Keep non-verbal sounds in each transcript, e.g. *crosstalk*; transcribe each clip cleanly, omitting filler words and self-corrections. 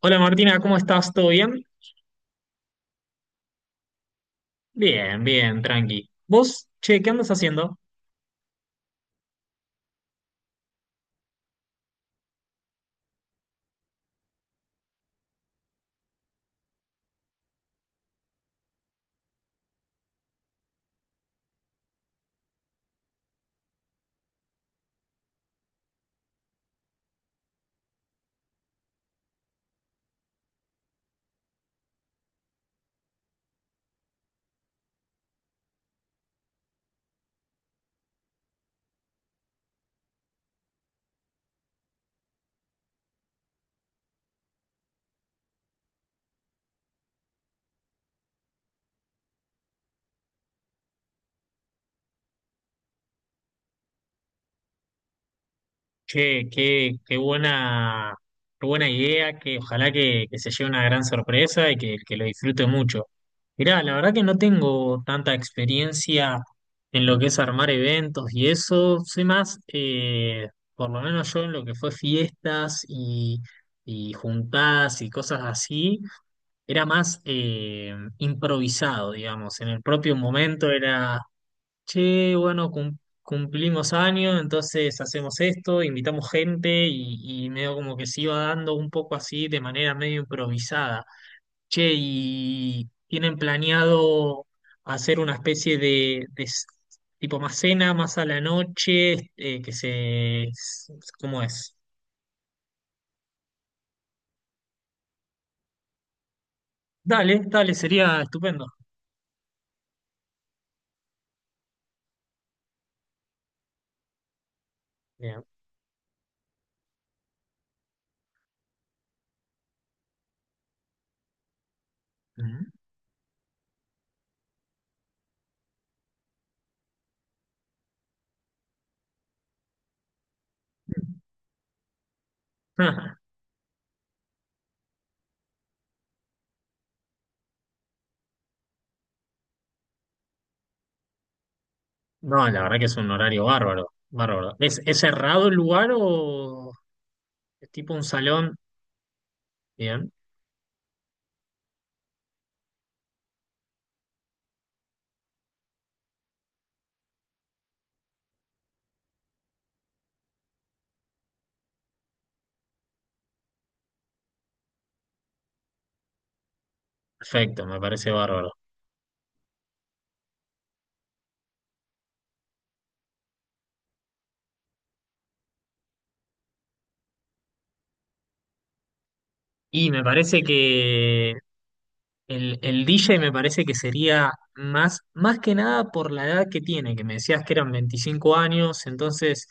Hola Martina, ¿cómo estás? ¿Todo bien? Bien, bien, tranqui. ¿Vos, che, qué andas haciendo? Che, qué, qué buena idea, que ojalá que se lleve una gran sorpresa y que lo disfrute mucho. Mirá, la verdad que no tengo tanta experiencia en lo que es armar eventos y eso. Soy más, por lo menos yo en lo que fue fiestas y juntadas y cosas así. Era más improvisado, digamos. En el propio momento era, che, bueno, cumplimos años, entonces hacemos esto, invitamos gente y medio como que se iba dando un poco así de manera medio improvisada. Che, y tienen planeado hacer una especie de tipo más cena, más a la noche, ¿Cómo es? Dale, dale, sería estupendo. Bien. Ujú. *laughs* No, la verdad que es un horario bárbaro. Es cerrado el lugar o es tipo un salón? Bien, perfecto, me parece bárbaro. Y me parece que el DJ me parece que sería más que nada por la edad que tiene, que me decías que eran 25 años, entonces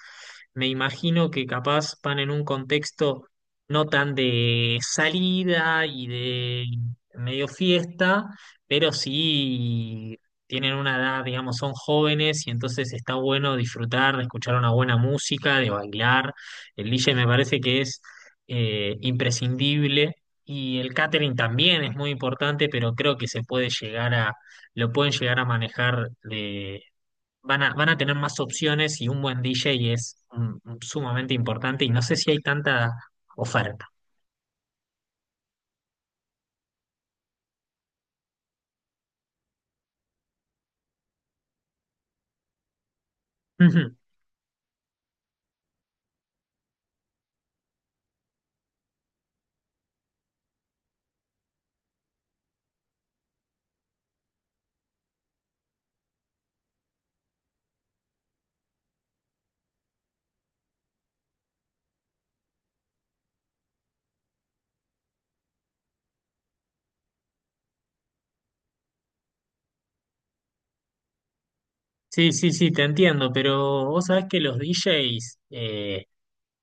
me imagino que capaz van en un contexto no tan de salida y de medio fiesta, pero sí tienen una edad, digamos, son jóvenes y entonces está bueno disfrutar, de escuchar una buena música, de bailar. El DJ me parece que es imprescindible y el catering también es muy importante, pero creo que se puede llegar lo pueden llegar a manejar, van a tener más opciones y un buen DJ es sumamente importante y no sé si hay tanta oferta. *laughs* Ujú. Sí, sí, sí, te entiendo, pero vos sabés que los DJs,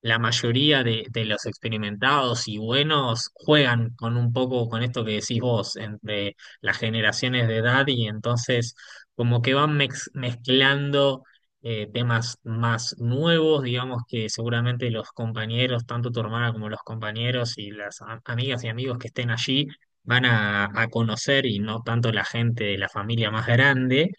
la mayoría de los experimentados y buenos juegan con un poco con esto que decís vos, entre las generaciones de edad y entonces como que van mezclando temas más nuevos, digamos que seguramente los compañeros, tanto tu hermana como los compañeros y las amigas y amigos que estén allí, van a conocer y no tanto la gente de la familia más grande,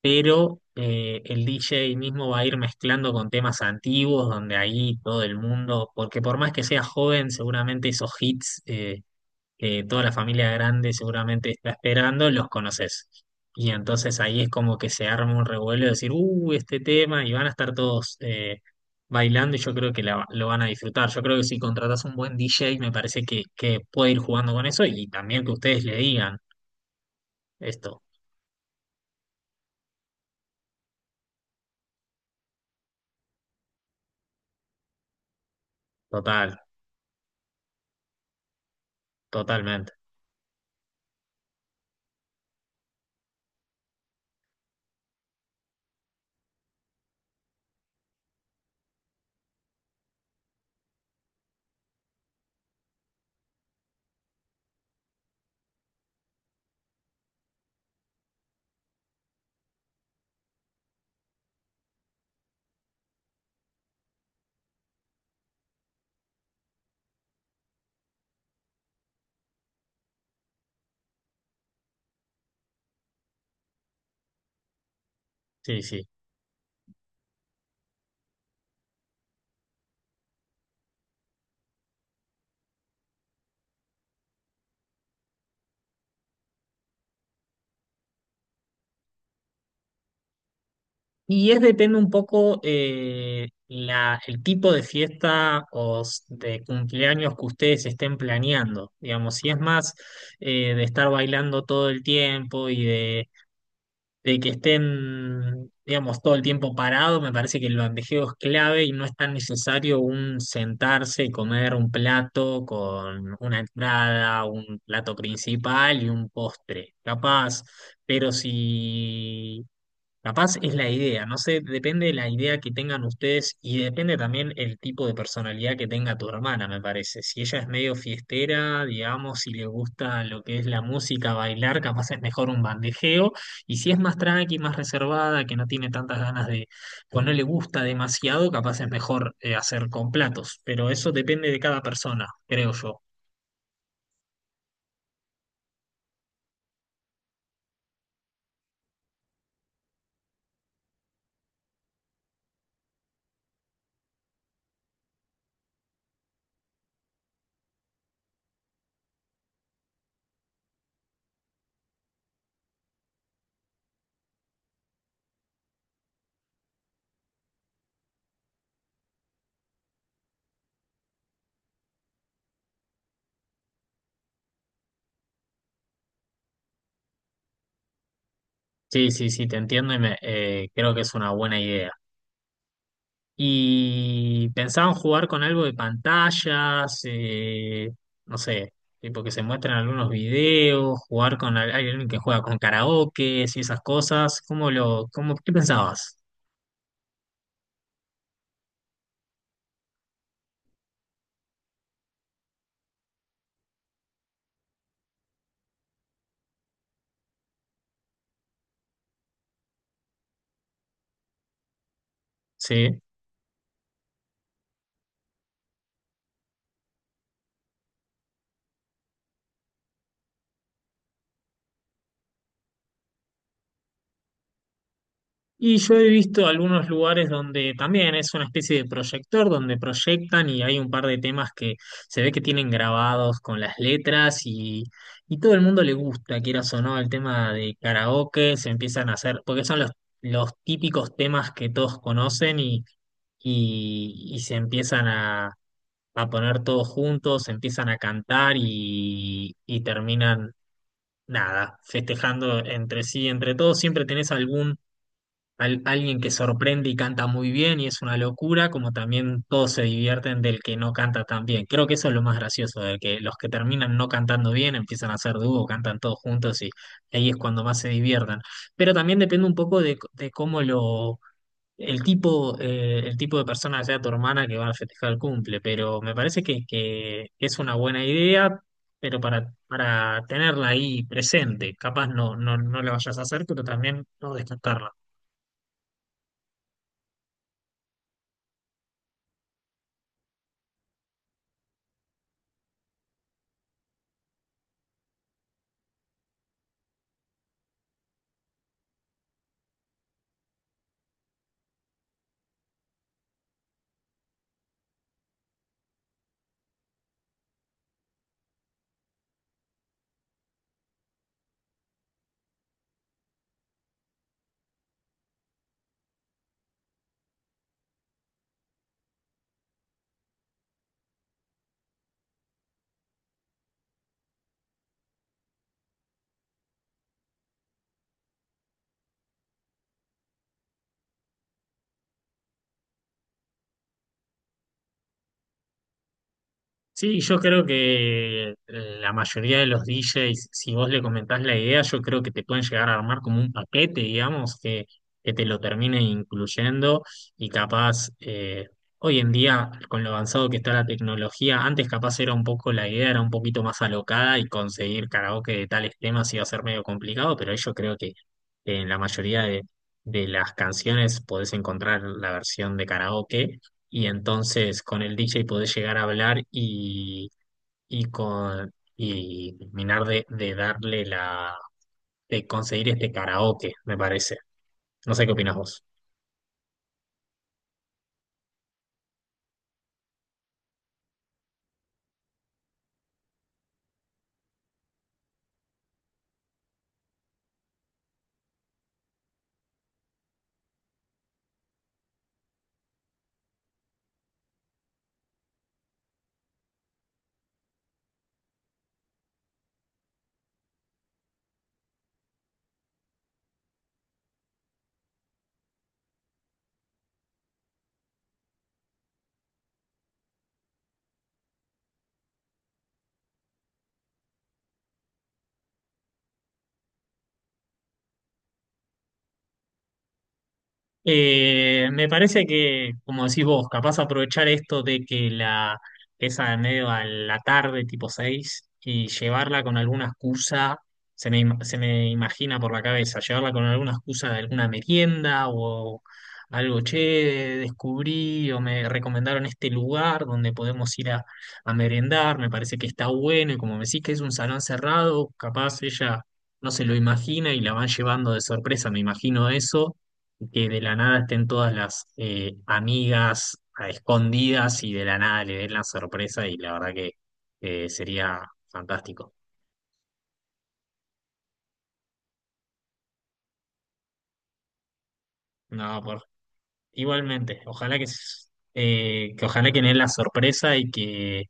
pero el DJ mismo va a ir mezclando con temas antiguos, donde ahí todo el mundo, porque por más que sea joven, seguramente esos hits que toda la familia grande seguramente está esperando, los conoces. Y entonces ahí es como que se arma un revuelo de decir, este tema, y van a estar todos bailando, y yo creo que lo van a disfrutar. Yo creo que si contratas un buen DJ, me parece que puede ir jugando con eso, y también que ustedes le digan esto, total, totalmente. Sí, sí. Y es depende un poco la, el tipo de fiesta o de cumpleaños que ustedes estén planeando. Digamos, si es más de estar bailando todo el tiempo de que estén, digamos, todo el tiempo parado, me parece que el bandejeo es clave y no es tan necesario un sentarse y comer un plato con una entrada, un plato principal y un postre. Capaz. Pero si capaz es la idea, no sé, depende de la idea que tengan ustedes y depende también el tipo de personalidad que tenga tu hermana, me parece. Si ella es medio fiestera, digamos, si le gusta lo que es la música, bailar, capaz es mejor un bandejeo. Y si es más tranqui, más reservada, que no tiene tantas ganas o no le gusta demasiado, capaz es mejor hacer con platos. Pero eso depende de cada persona, creo yo. Sí, sí, sí, te entiendo y me, creo que es una buena idea. Y pensaban jugar con algo de pantallas, no sé, tipo que se muestran algunos videos, jugar con alguien que juega con karaoke y esas cosas. ¿Cómo lo, cómo, qué pensabas? Sí. Y yo he visto algunos lugares donde también es una especie de proyector donde proyectan y hay un par de temas que se ve que tienen grabados con las y todo el mundo le gusta, quieras o no, el tema de karaoke, se empiezan a hacer, porque son los típicos temas que todos conocen y se empiezan a poner todos juntos, se empiezan a y terminan, nada, festejando entre sí, entre todos. Siempre tenés algún alguien que sorprende y canta muy bien y es una locura, como también todos se divierten del que no canta tan bien. Creo que eso es lo más gracioso, de que los que terminan no cantando bien empiezan a hacer dúo, cantan todos juntos y ahí es cuando más se diviertan. Pero también depende un poco de cómo lo... el tipo de persona que sea tu hermana que va a festejar el cumple, pero me parece que es una buena idea, pero para tenerla ahí presente, capaz no la vayas a hacer, pero también no descartarla. Sí, yo creo que la mayoría de los DJs, si vos le comentás la idea, yo creo que te pueden llegar a armar como un paquete, que te lo termine incluyendo y capaz, hoy en día, con lo avanzado que está la tecnología, antes capaz era un poco, la idea era un poquito más alocada y conseguir karaoke de tales temas iba a ser medio complicado, pero ahí yo creo que en la mayoría de las canciones podés encontrar la versión de karaoke y entonces con el DJ podés llegar a hablar y terminar de darle de conseguir este karaoke, me parece. No sé qué opinas vos. Me parece que, como decís vos, capaz aprovechar esto de que la esa de medio a la tarde, tipo 6 y llevarla con alguna excusa, se me imagina por la cabeza, llevarla con alguna excusa de alguna merienda o algo, che, descubrí o me recomendaron este lugar donde podemos ir a merendar, me parece que está bueno, y como me decís que es un salón cerrado, capaz ella no se lo imagina y la van llevando de sorpresa, me imagino eso que de la nada estén todas las amigas a escondidas y de la nada le den la sorpresa y la verdad que sería fantástico. No, por, igualmente, ojalá que ojalá que den la sorpresa y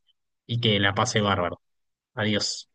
y que la pase bárbaro. Adiós.